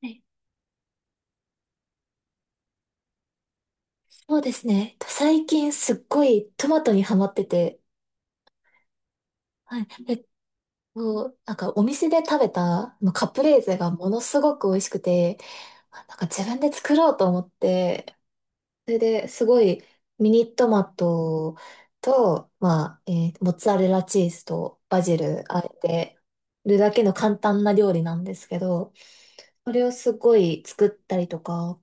はい、そうですね。最近すっごいトマトにハマってて、はい。なんかお店で食べたまあのカプレーゼがものすごく美味しくて、あ、なんか自分で作ろうと思って、それですごいミニトマトと、まあ、モッツァレラチーズとバジルあえてるだけの簡単な料理なんですけど、それをすごい作ったりとか、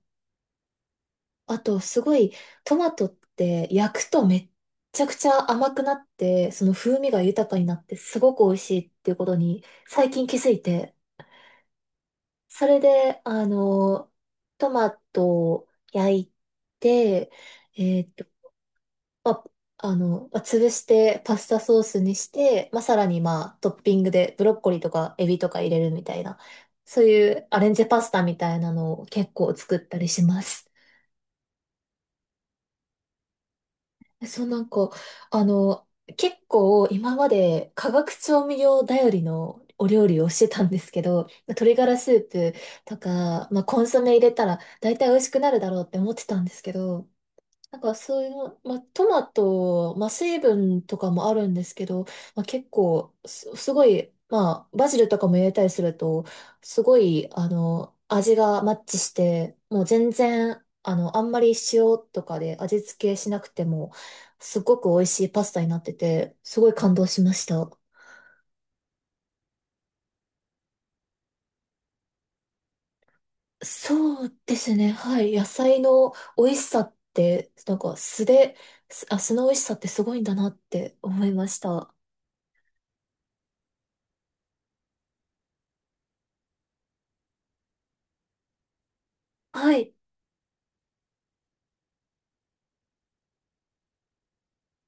あと、すごい、トマトって焼くとめっちゃくちゃ甘くなって、その風味が豊かになって、すごく美味しいっていうことに最近気づいて、それで、あの、トマトを焼いて、えーっと、まあ、あの、まあ潰してパスタソースにして、まあ、さらにまあ、トッピングでブロッコリーとかエビとか入れるみたいな、そういうアレンジパスタみたいなのを結構作ったりします。そうなんか、あの、結構今まで化学調味料頼りのお料理をしてたんですけど、鶏ガラスープとか、まあ、コンソメ入れたら大体美味しくなるだろうって思ってたんですけど、なんかそういうの、まあ、トマト、まあ、水分とかもあるんですけど、まあ、結構すごい、まあ、バジルとかも入れたりすると、すごい、あの、味がマッチして、もう全然、あの、あんまり塩とかで味付けしなくても、すごく美味しいパスタになってて、すごい感動しました。そうですね、はい。野菜の美味しさって、なんか素で、素の美味しさってすごいんだなって思いました。はい。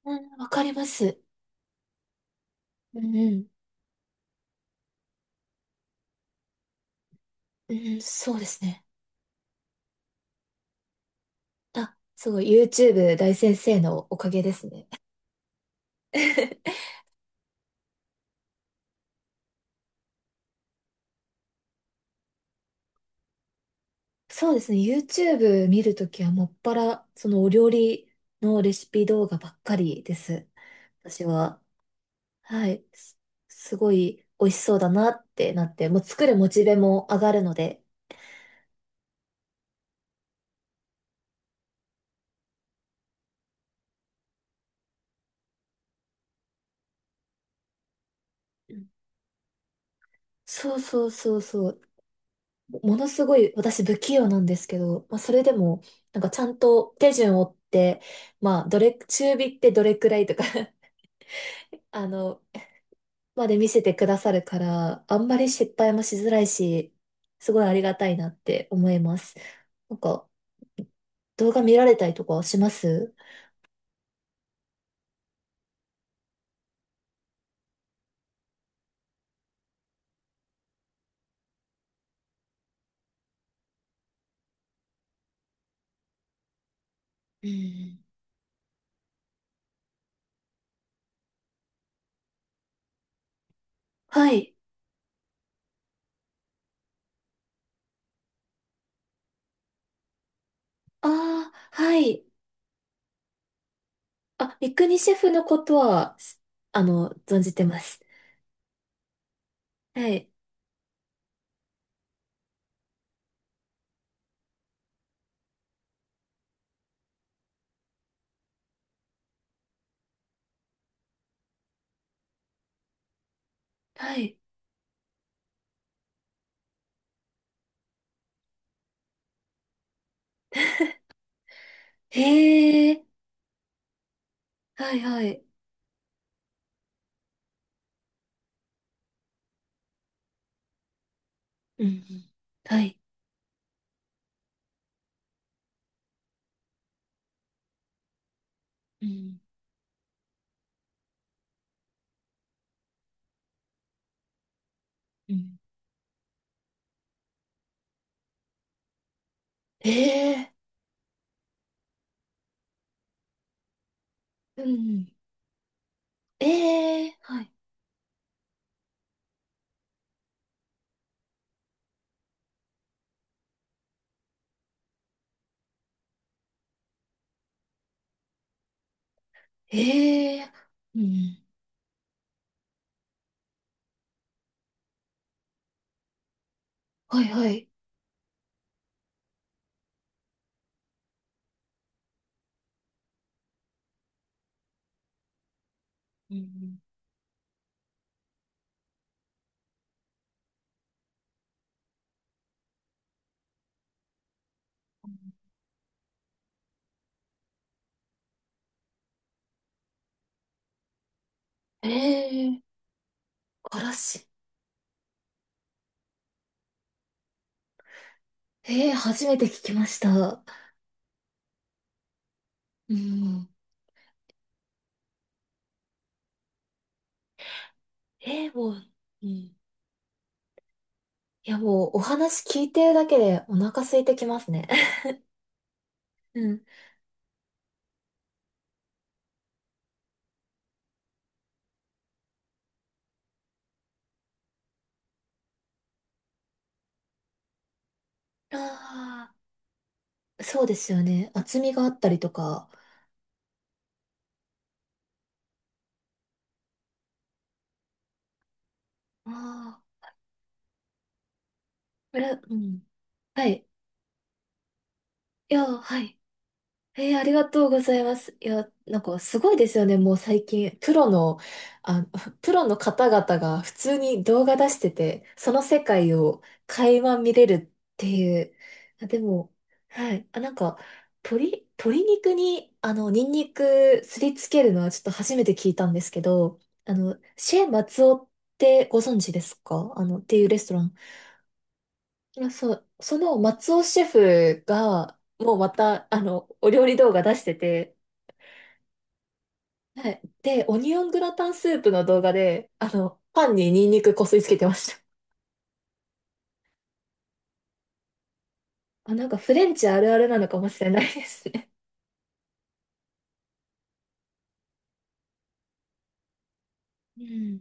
うん、わかります。うん、うん。うん、そうですね。あ、すごい。YouTube 大先生のおかげですね。そうですね。YouTube 見るときはもっぱら、そのお料理のレシピ動画ばっかりです。私は。はい。すごい美味しそうだなってなって、もう作るモチベも上がるので。うん、そうそうそうそう。ものすごい私不器用なんですけど、まあ、それでも、なんかちゃんと手順を追って、まあ、どれ、中火ってどれくらいとか あの、まで見せてくださるから、あんまり失敗もしづらいし、すごいありがたいなって思います。なんか、動画見られたりとかします？うん。はい。ああ、はい。あ、三國シェフのことは、あの、存じてます。はい。はい。へえ、はいはい。うん、うん。はい。うん。うん。ええ、うん。ええ、はい。ええ、うん。はいはい。うん。ええ、からし。ええ、初めて聞きました。うん。ええ、もう、うん。いやもう、お話聞いてるだけでお腹空いてきますね。うん。ああ、そうですよね。厚みがあったりとか。ああ、あれ、うん。はい。いや、はい。ありがとうございます。いや、なんかすごいですよね。もう最近、あ、プロの方々が普通に動画出してて、その世界を垣間見れるっていう。あ、でも、はい。あ、なんか、鶏肉に、あの、ニンニクすりつけるのはちょっと初めて聞いたんですけど、あの、シェ松尾ってご存知ですか？あの、っていうレストラン。あ、そう、その松尾シェフが、もうまた、あの、お料理動画出してて、はい。で、オニオングラタンスープの動画で、あの、パンにニンニクこすりつけてました。あ、なんかフレンチあるあるなのかもしれないですね。うん。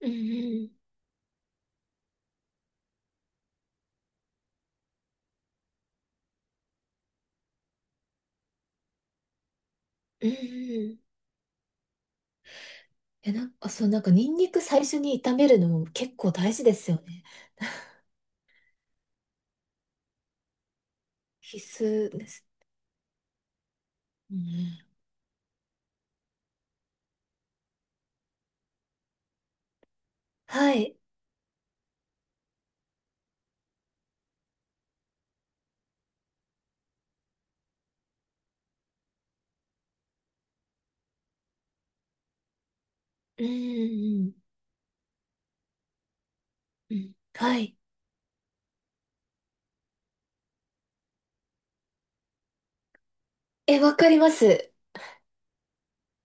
うん、うん、うん、うん、え、なんか、そう、なんかニンニク最初に炒めるのも結構大事ですよね。必須です。うん、はい。うん、うん、うん、うん、はい。え、わかります。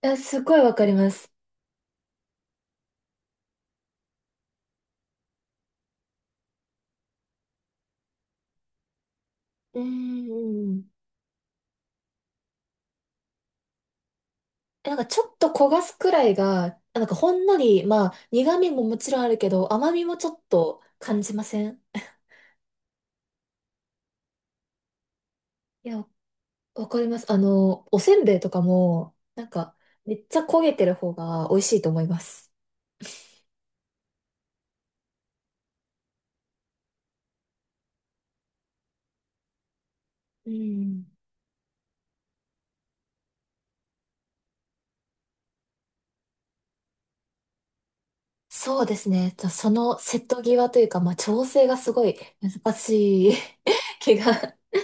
え、すごいわかります。うん、うん、うん、え、なんかちょっと焦がすくらいが、あ、なんかほんのり、まあ苦味ももちろんあるけど、甘みもちょっと感じません？いや、わかります。あの、おせんべいとかも、なんかめっちゃ焦げてる方が美味しいと思います。うん。そうですね。じゃあその瀬戸際というか、まあ調整がすごい難しい 気が。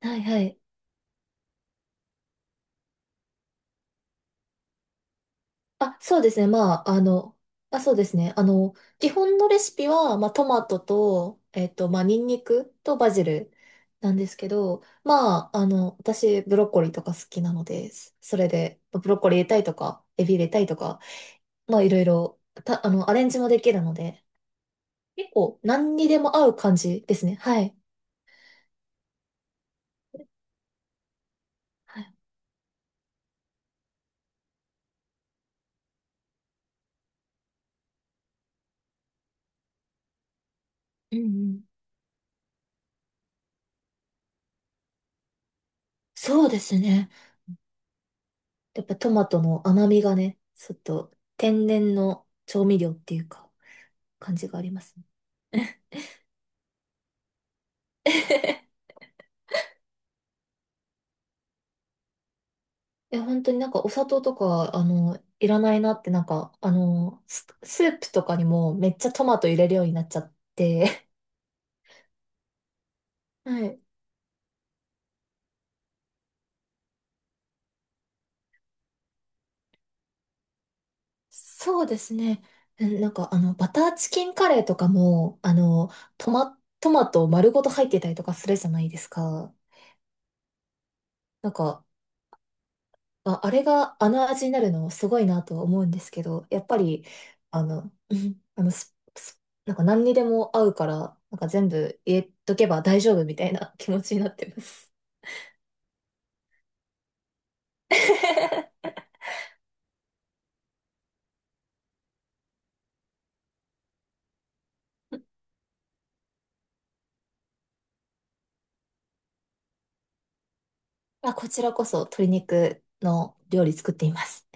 はいはい。あ、そうですね。まあ、あの、あ、そうですね。あの、基本のレシピは、まあ、トマトと、まあ、ニンニクとバジルなんですけど、まあ、あの、私、ブロッコリーとか好きなので、それで、まあブロッコリー入れたいとか、エビ入れたいとか、まあ、いろいろ、あの、アレンジもできるので、結構、何にでも合う感じですね。はい。はい、うん、うん。そうですね。やっぱトマトの甘みがね、ちょっと、天然の調味料っていうか、感じがありますね。え、本当になんかお砂糖とか、あの、いらないなって、なんか、あの、スープとかにもめっちゃトマト入れるようになっちゃって。はい。そうですね。うん、なんか、あの、バターチキンカレーとかも、あの、トマト丸ごと入ってたりとかするじゃないですか。なんか、あ、あれがあの味になるのすごいなとは思うんですけど、やっぱり、あの、うん、あの、なんか何にでも合うから、なんか全部入れとけば大丈夫みたいな気持ちになってます。あ、こちらこそ鶏肉の料理作っています。